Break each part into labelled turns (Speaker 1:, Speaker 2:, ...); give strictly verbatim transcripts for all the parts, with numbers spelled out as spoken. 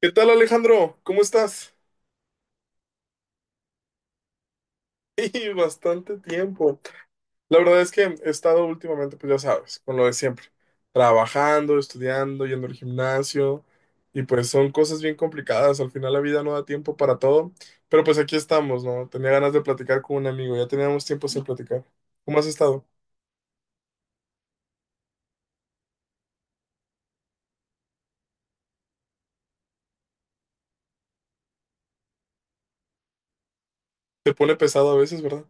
Speaker 1: ¿Qué tal, Alejandro? ¿Cómo estás? Y bastante tiempo. La verdad es que he estado últimamente, pues ya sabes, con lo de siempre, trabajando, estudiando, yendo al gimnasio, y pues son cosas bien complicadas. Al final la vida no da tiempo para todo, pero pues aquí estamos, ¿no? Tenía ganas de platicar con un amigo, ya teníamos tiempo sin platicar. ¿Cómo has estado? Te pone pesado a veces, ¿verdad?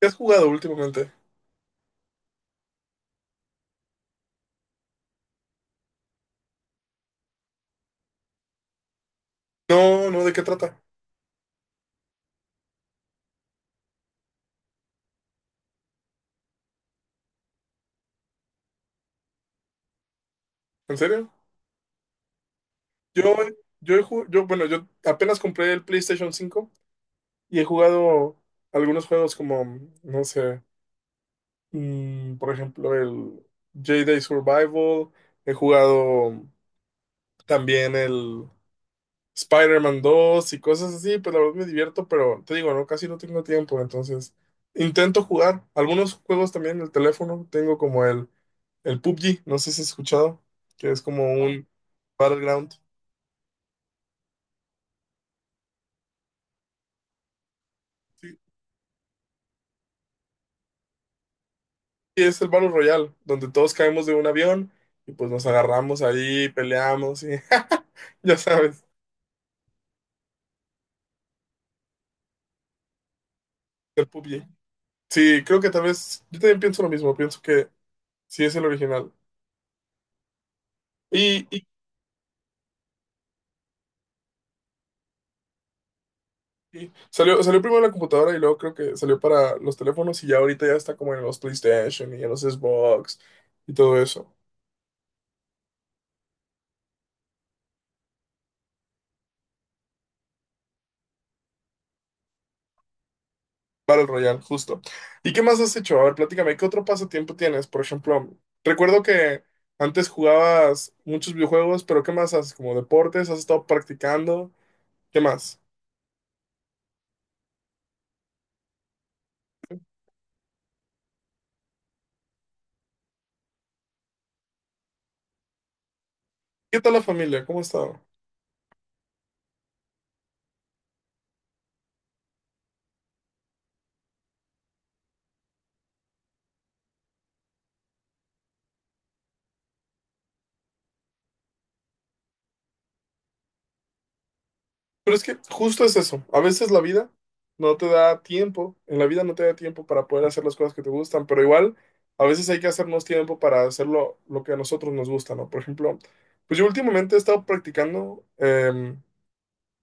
Speaker 1: ¿Qué has jugado últimamente? No, no, ¿de qué trata? ¿En serio? Yo, yo, he ju- yo, bueno, yo apenas compré el PlayStation cinco. Y he jugado algunos juegos como, no sé, mm, por ejemplo, el Jedi Survival. He jugado también el Spider-Man dos y cosas así. Pues la verdad me divierto, pero te digo, no, casi no tengo tiempo. Entonces intento jugar. Algunos juegos también en el teléfono. Tengo como el, el P U B G, no sé si has escuchado, que es como un Battleground. Sí, y es el Battle Royale, donde todos caemos de un avión y pues nos agarramos ahí, peleamos y ya sabes, el P U B G. Sí, creo que tal vez, yo también pienso lo mismo, pienso que sí es el original. Y, y- y salió, salió primero en la computadora y luego creo que salió para los teléfonos y ya ahorita ya está como en los PlayStation y en los Xbox y todo eso. Battle Royale, justo. ¿Y qué más has hecho? A ver, platícame, ¿qué otro pasatiempo tienes? Por ejemplo, recuerdo que antes jugabas muchos videojuegos, pero ¿qué más haces? ¿Como deportes? ¿Has estado practicando? ¿Qué más? ¿Qué tal la familia? ¿Cómo ha estado? Pero es que justo es eso. A veces la vida no te da tiempo, en la vida no te da tiempo para poder hacer las cosas que te gustan, pero igual a veces hay que hacernos tiempo para hacer lo, lo que a nosotros nos gusta, ¿no? Por ejemplo, pues yo últimamente he estado practicando em,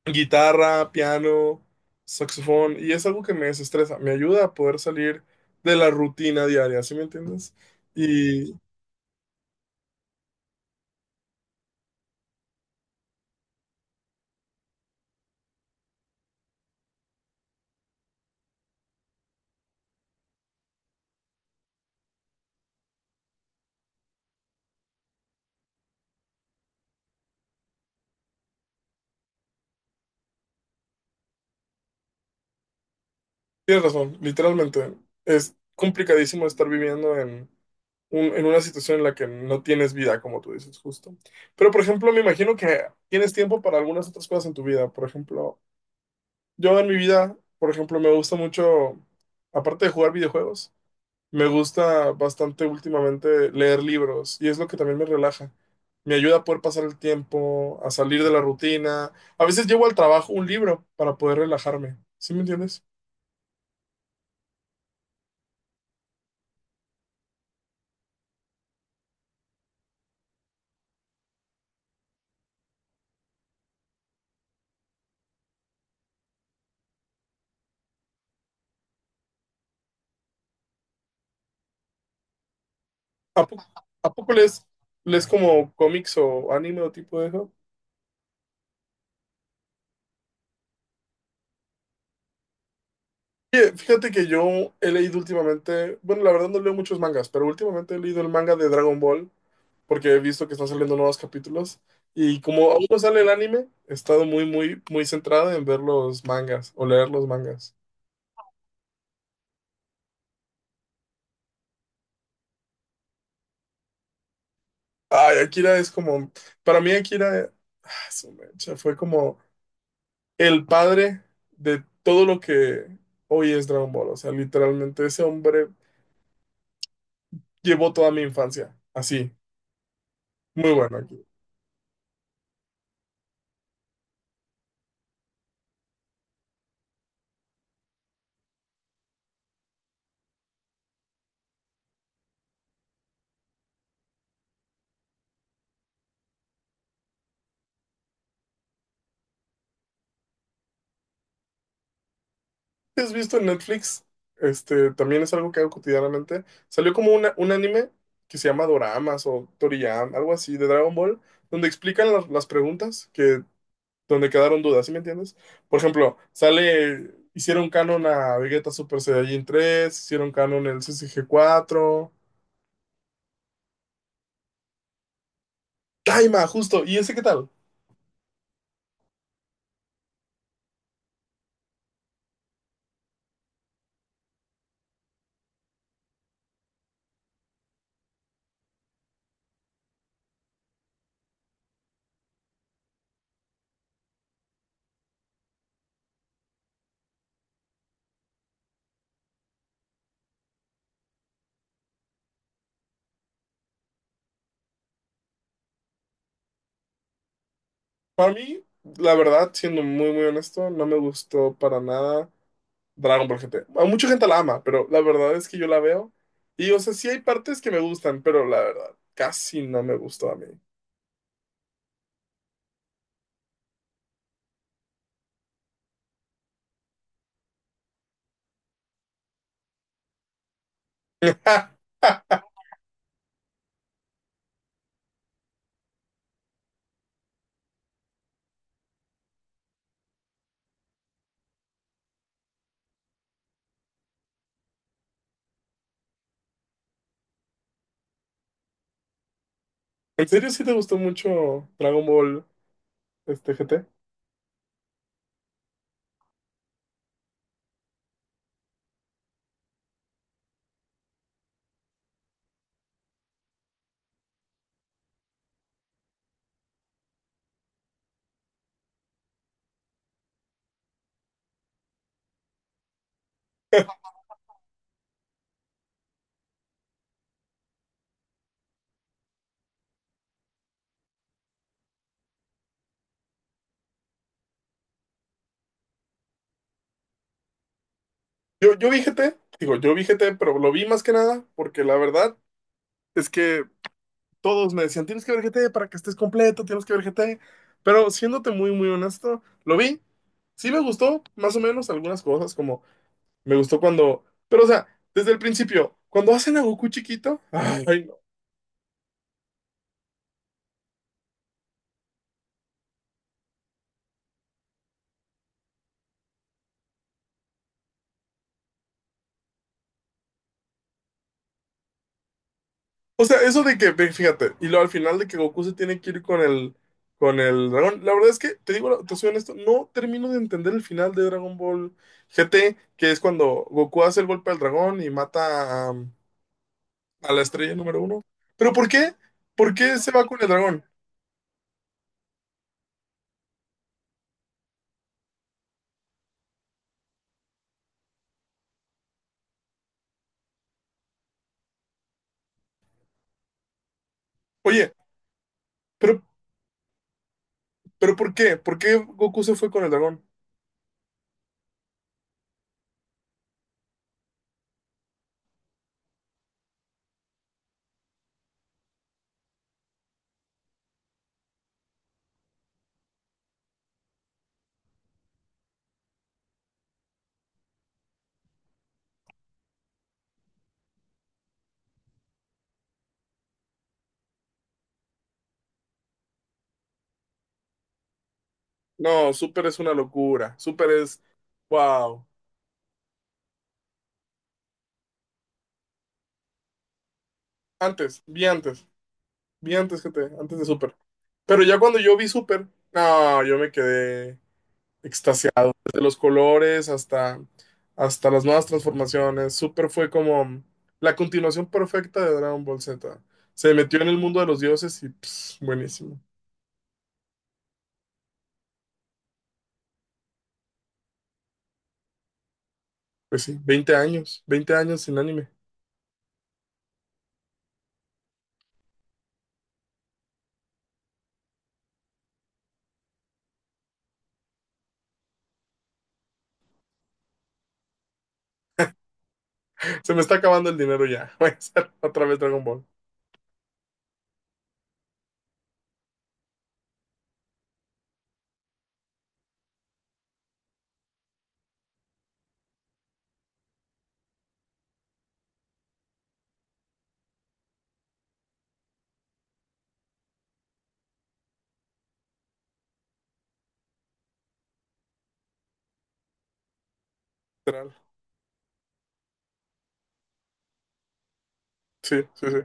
Speaker 1: guitarra, piano, saxofón, y es algo que me desestresa, me ayuda a poder salir de la rutina diaria, ¿sí me entiendes? Tienes razón, literalmente. Es complicadísimo estar viviendo en, un- en una situación en la que no tienes vida, como tú dices, justo. Pero, por ejemplo, me imagino que tienes tiempo para algunas otras cosas en tu vida. Por ejemplo, yo en mi vida, por ejemplo, me gusta mucho, aparte de jugar videojuegos, me gusta bastante últimamente leer libros y es lo que también me relaja. Me ayuda a poder pasar el tiempo, a salir de la rutina. A veces llevo al trabajo un libro para poder relajarme. ¿Sí me entiendes? ¿A poco, a poco lees, lees como cómics o anime o tipo de eso? Oye, Fíjate que yo he leído últimamente, bueno, la verdad no leo muchos mangas, pero últimamente he leído el manga de Dragon Ball porque he visto que están saliendo nuevos capítulos y como aún no sale el anime, he estado muy, muy, muy centrado en ver los mangas o leer los mangas. Ay, Akira es como, para mí Akira, ah, su mecha, fue como el padre de todo lo que hoy es Dragon Ball, o sea, literalmente ese hombre llevó toda mi infancia. Así, muy bueno aquí. ¿Has visto en Netflix? Este, también es algo que hago cotidianamente. Salió como una, un anime que se llama Doramas o Toriyama, algo así, de Dragon Ball, donde explican las, las preguntas que, donde quedaron dudas, ¿sí me entiendes? Por ejemplo, sale, hicieron canon a Vegeta Super Saiyajin tres, hicieron canon el C C G cuatro. Daima, justo, ¿y ese qué tal? Para mí, la verdad, siendo muy, muy honesto, no me gustó para nada. Dragon Ball G T. A mucha gente la ama, pero la verdad es que yo la veo. Y, o sea, sí hay partes que me gustan, pero la verdad, casi no me gustó a mí. ¿En serio sí te gustó mucho Dragon Ball este G T? Yo, yo vi G T, digo, yo vi G T, pero lo vi más que nada porque la verdad es que todos me decían, tienes que ver G T para que estés completo, tienes que ver G T. Pero siéndote muy, muy honesto, lo vi. Sí me gustó, más o menos, algunas cosas como Me gustó cuando. Pero, o sea, desde el principio, cuando hacen a Goku chiquito. Ay, no. O sea, eso de que, ve, fíjate, y luego al final de que Goku se tiene que ir con el. Con el dragón. La verdad es que, te digo, te soy honesto, no termino de entender el final de Dragon Ball G T, que es cuando Goku hace el golpe al dragón y mata a, a la estrella número uno. ¿Pero por qué? ¿Por qué se va con el dragón? Oye, pero, pero ¿por qué? ¿Por qué Goku se fue con el dragón? No, Super es una locura. Super es. Wow. Antes, vi antes, vi antes que te, antes de Super. Pero ya cuando yo vi Super, no, yo me quedé extasiado. Desde los colores hasta, hasta las nuevas transformaciones. Super fue como la continuación perfecta de Dragon Ball Z. Se metió en el mundo de los dioses y pss, buenísimo. Pues sí, veinte años, veinte años sin anime. Se me está acabando el dinero ya. Voy a hacer otra vez Dragon Ball. Literal. Sí, sí, sí.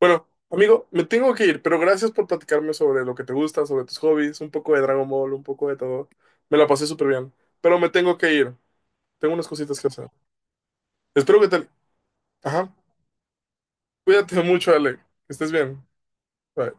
Speaker 1: Bueno, amigo, me tengo que ir, pero gracias por platicarme sobre lo que te gusta, sobre tus hobbies, un poco de Dragon Ball, un poco de todo. Me la pasé súper bien, pero me tengo que ir. Tengo unas cositas que hacer. Espero que te... Ajá, cuídate mucho, Ale. Que estés bien. Bye.